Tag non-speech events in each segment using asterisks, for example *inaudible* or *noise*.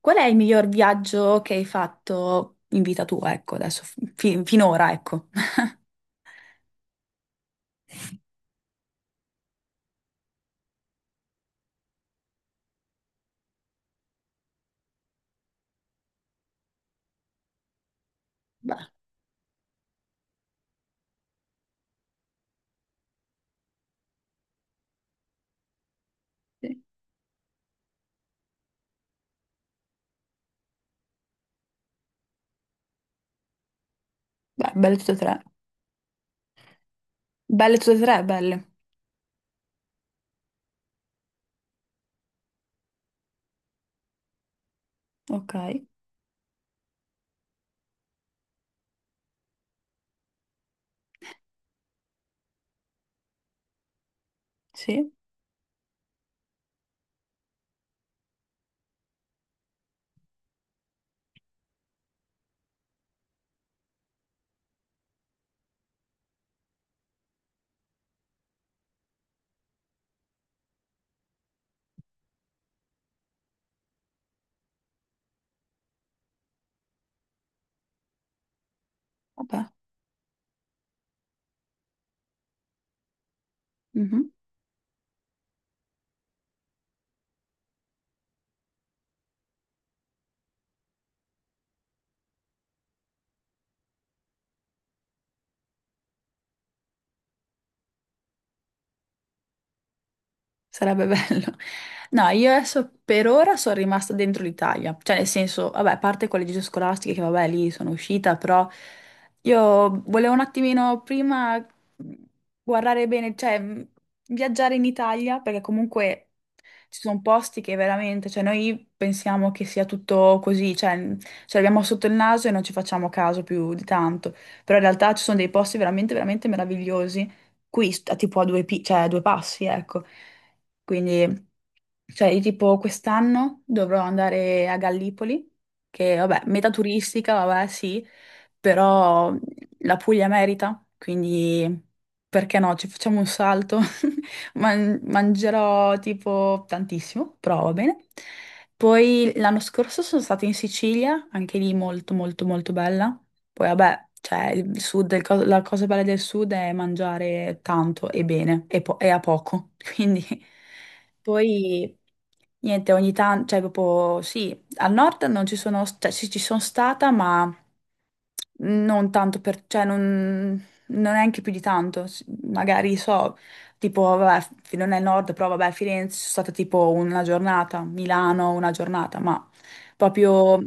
Qual è il miglior viaggio che hai fatto in vita tua, ecco, adesso, finora, ecco. Beh, sì. Beh, belle tutte e tre. Belle tutte e tre, belle. Ok, sì, vabbè. Mhm. Sarebbe *laughs* bello. No, io adesso per ora sono rimasta dentro l'Italia, cioè nel senso, vabbè, a parte con le gite scolastiche che vabbè lì sono uscita, però io volevo un attimino prima guardare bene, cioè viaggiare in Italia, perché comunque ci sono posti che veramente, cioè noi pensiamo che sia tutto così, cioè ce l'abbiamo sotto il naso e non ci facciamo caso più di tanto, però in realtà ci sono dei posti veramente, veramente meravigliosi, qui tipo a due, cioè, a due passi, ecco. Quindi, cioè, io tipo quest'anno dovrò andare a Gallipoli, che vabbè, meta turistica, vabbè, sì, però la Puglia merita, quindi perché no, ci facciamo un salto. *laughs* Mangerò tipo tantissimo, però va bene. Poi l'anno scorso sono stata in Sicilia, anche lì molto molto molto bella. Poi vabbè, cioè il sud, la cosa bella del sud è mangiare tanto e bene e, e a poco. *laughs* Quindi poi niente, ogni tanto, cioè proprio sì, al nord non ci sono, cioè sì, ci sono stata, ma non tanto per, cioè non, non neanche più di tanto. Magari so, tipo, vabbè, non è il nord, però vabbè, a Firenze sono stata tipo una giornata, Milano una giornata, ma proprio.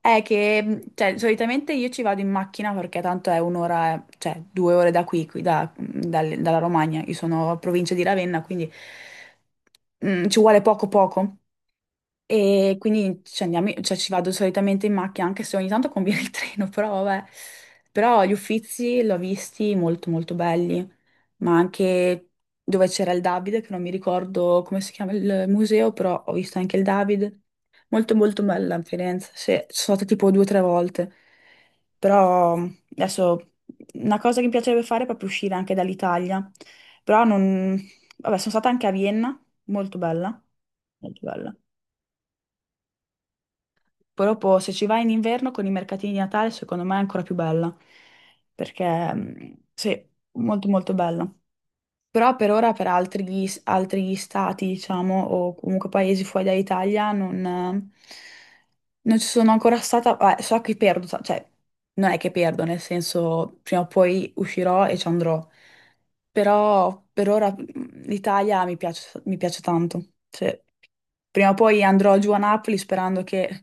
È che, cioè, solitamente io ci vado in macchina perché tanto è un'ora, cioè due ore da qui, qui dalla Romagna. Io sono a provincia di Ravenna, quindi ci vuole poco poco. E quindi ci andiamo, cioè ci vado solitamente in macchina, anche se ogni tanto conviene il *laughs* treno, però vabbè. Però gli Uffizi l'ho visti molto molto belli, ma anche dove c'era il Davide, che non mi ricordo come si chiama il museo, però ho visto anche il Davide. Molto molto bella a Firenze, sì, ci sono stata tipo due o tre volte. Però adesso una cosa che mi piacerebbe fare è proprio uscire anche dall'Italia. Però non... Vabbè, sono stata anche a Vienna, molto bella, molto bella. Proprio se ci vai in inverno con i mercatini di Natale, secondo me è ancora più bella. Perché sì, molto molto bella. Però per ora per altri stati, diciamo, o comunque paesi fuori dall'Italia, non, non ci sono ancora stata. Beh, so che perdo, cioè, non è che perdo, nel senso, prima o poi uscirò e ci andrò. Però per ora l'Italia mi piace tanto. Cioè, prima o poi andrò giù a Napoli sperando che...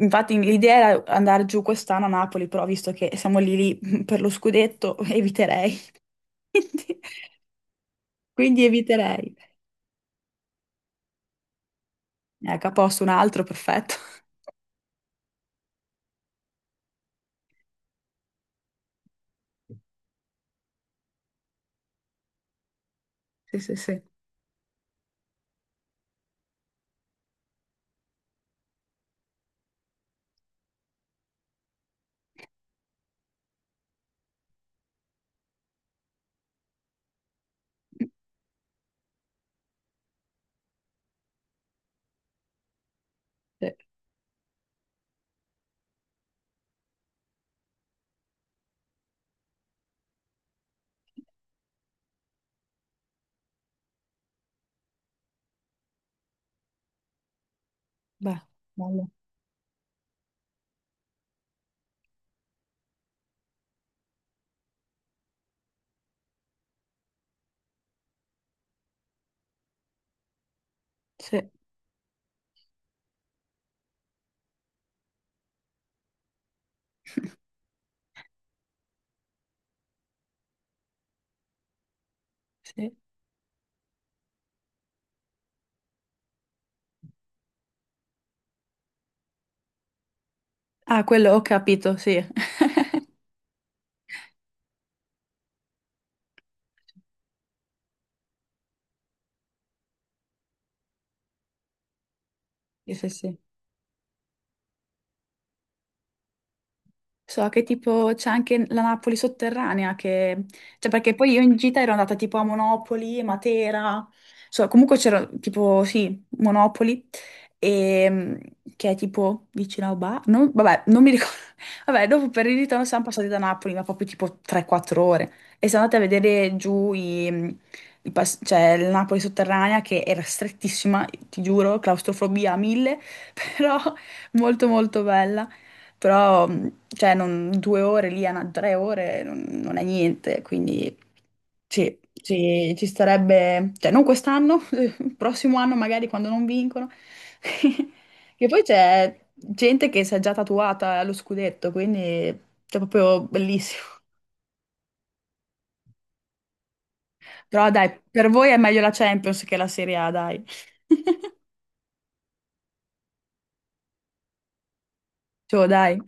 Infatti l'idea era andare giù quest'anno a Napoli, però visto che siamo lì lì *laughs* per lo scudetto, *laughs* eviterei. *laughs* Quindi, quindi eviterei. Ecco, a posto un altro, perfetto. Sì, sì, sì. *laughs* Sì, beh, bello. Sì, sì. Ah, quello ho capito, sì. *laughs* Sì, sì, sì. So che tipo c'è anche la Napoli sotterranea che... Cioè perché poi io in gita ero andata tipo a Monopoli, Matera, so, comunque c'era tipo sì, Monopoli, e, che è tipo vicino a Oba. Non, vabbè, non mi ricordo. *laughs* Vabbè, dopo per il ritorno siamo passati da Napoli, ma proprio tipo 3-4 ore. E siamo andate a vedere giù i, cioè, la Napoli sotterranea che era strettissima, ti giuro, claustrofobia a mille, *laughs* però molto molto bella. Però cioè, non, due ore lì, tre ore, non, non è niente, quindi sì, ci, ci starebbe, cioè non quest'anno, *laughs* il prossimo anno magari quando non vincono. *laughs* Che poi c'è gente che si è già tatuata allo scudetto, quindi è proprio bellissimo. *laughs* Però dai, per voi è meglio la Champions che la Serie A, dai. *laughs* Cioè, dai,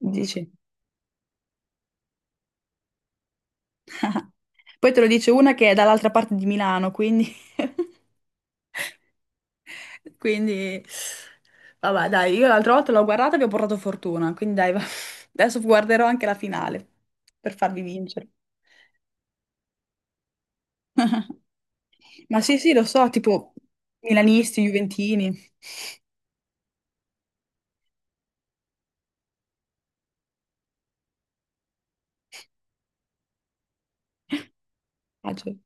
dici. Poi te lo dice una che è dall'altra parte di Milano, quindi... *laughs* Quindi, vabbè, dai, io l'altra volta l'ho guardata e vi ho portato fortuna, quindi dai, *laughs* adesso guarderò anche la finale per farvi vincere. Ma sì, sì, lo so, tipo milanisti, juventini. Facile.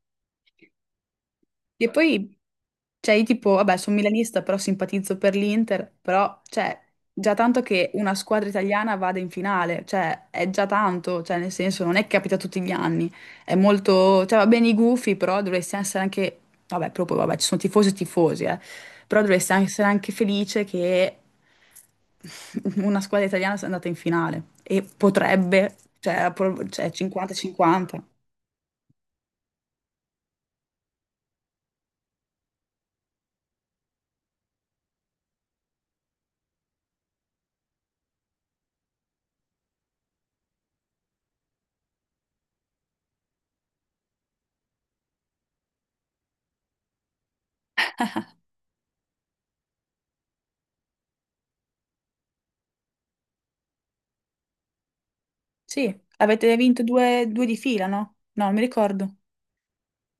E poi, cioè, io tipo, vabbè, sono milanista, però simpatizzo per l'Inter, però, cioè, già tanto che una squadra italiana vada in finale, cioè, è già tanto, cioè, nel senso, non è che capita tutti gli anni, è molto, cioè, va bene i gufi, però dovresti essere anche, vabbè, proprio, vabbè, ci sono tifosi e tifosi, però dovresti essere anche felice che una squadra italiana sia andata in finale e potrebbe, cioè, cioè, 50-50. Sì, avete vinto due, due di fila, no? No, non mi ricordo.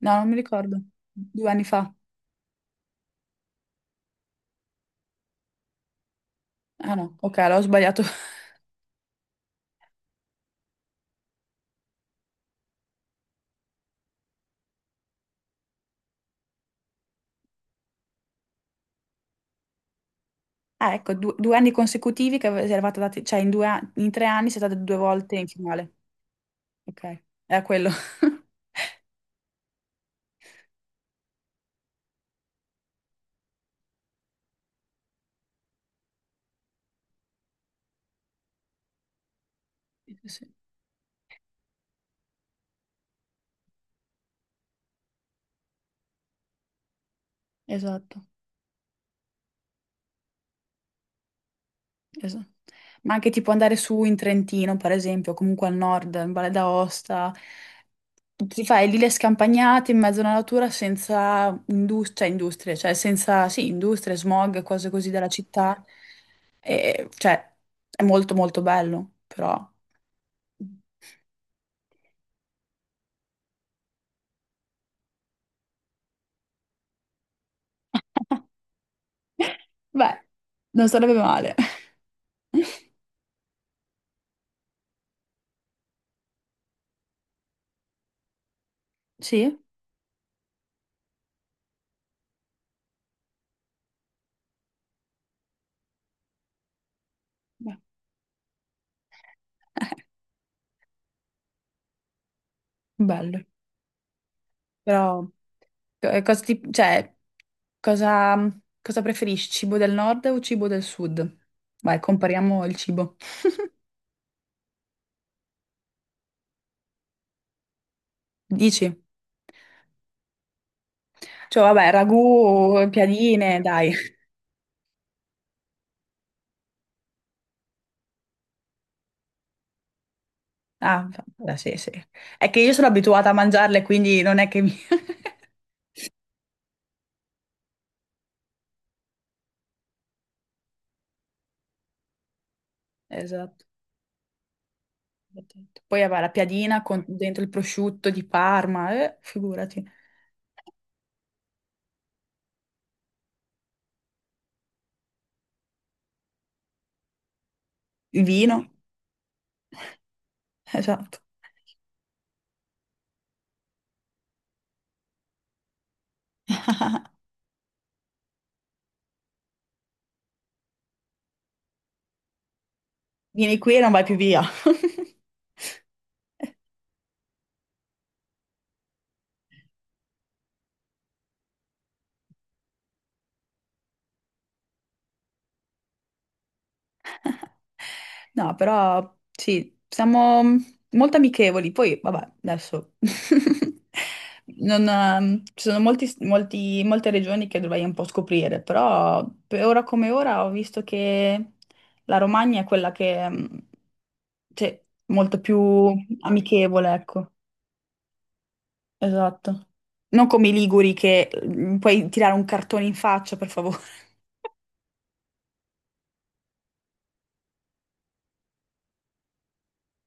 No, non mi ricordo. Due anni fa. Ah no, ok, l'ho sbagliato. *laughs* Ah, ecco, due, due anni consecutivi che eravate andati, cioè in, in tre anni siete andati due volte in finale. Ok, era quello. *laughs* Sì, sì, esatto. Esatto. Ma anche tipo andare su in Trentino, per esempio, comunque al nord, in Valle d'Aosta, ti fai lì le scampagnate in mezzo alla natura senza cioè, industrie, cioè senza, sì, industrie, smog, cose così della città. E, cioè, è molto molto bello, però... *laughs* Beh, non sarebbe male. Sì? Beh, bello. Però... cioè, cosa, cosa preferisci, cibo del nord o cibo del sud? Vai, compariamo il cibo. Dici? Cioè, vabbè, ragù, piadine, dai. Ah, sì, sì. È che io sono abituata a mangiarle, quindi non è che mi... *laughs* Esatto. Poi vabbè, la piadina con dentro il prosciutto di Parma, figurati. Il vino, esatto. Vieni qui e non vai più via. *laughs* No, però sì, siamo molto amichevoli. Poi, vabbè, adesso *laughs* non, ci sono molti, molte regioni che dovrei un po' scoprire, però per ora come ora ho visto che la Romagna è quella che cioè, molto più amichevole, ecco. Esatto. Non come i Liguri che puoi tirare un cartone in faccia, per favore.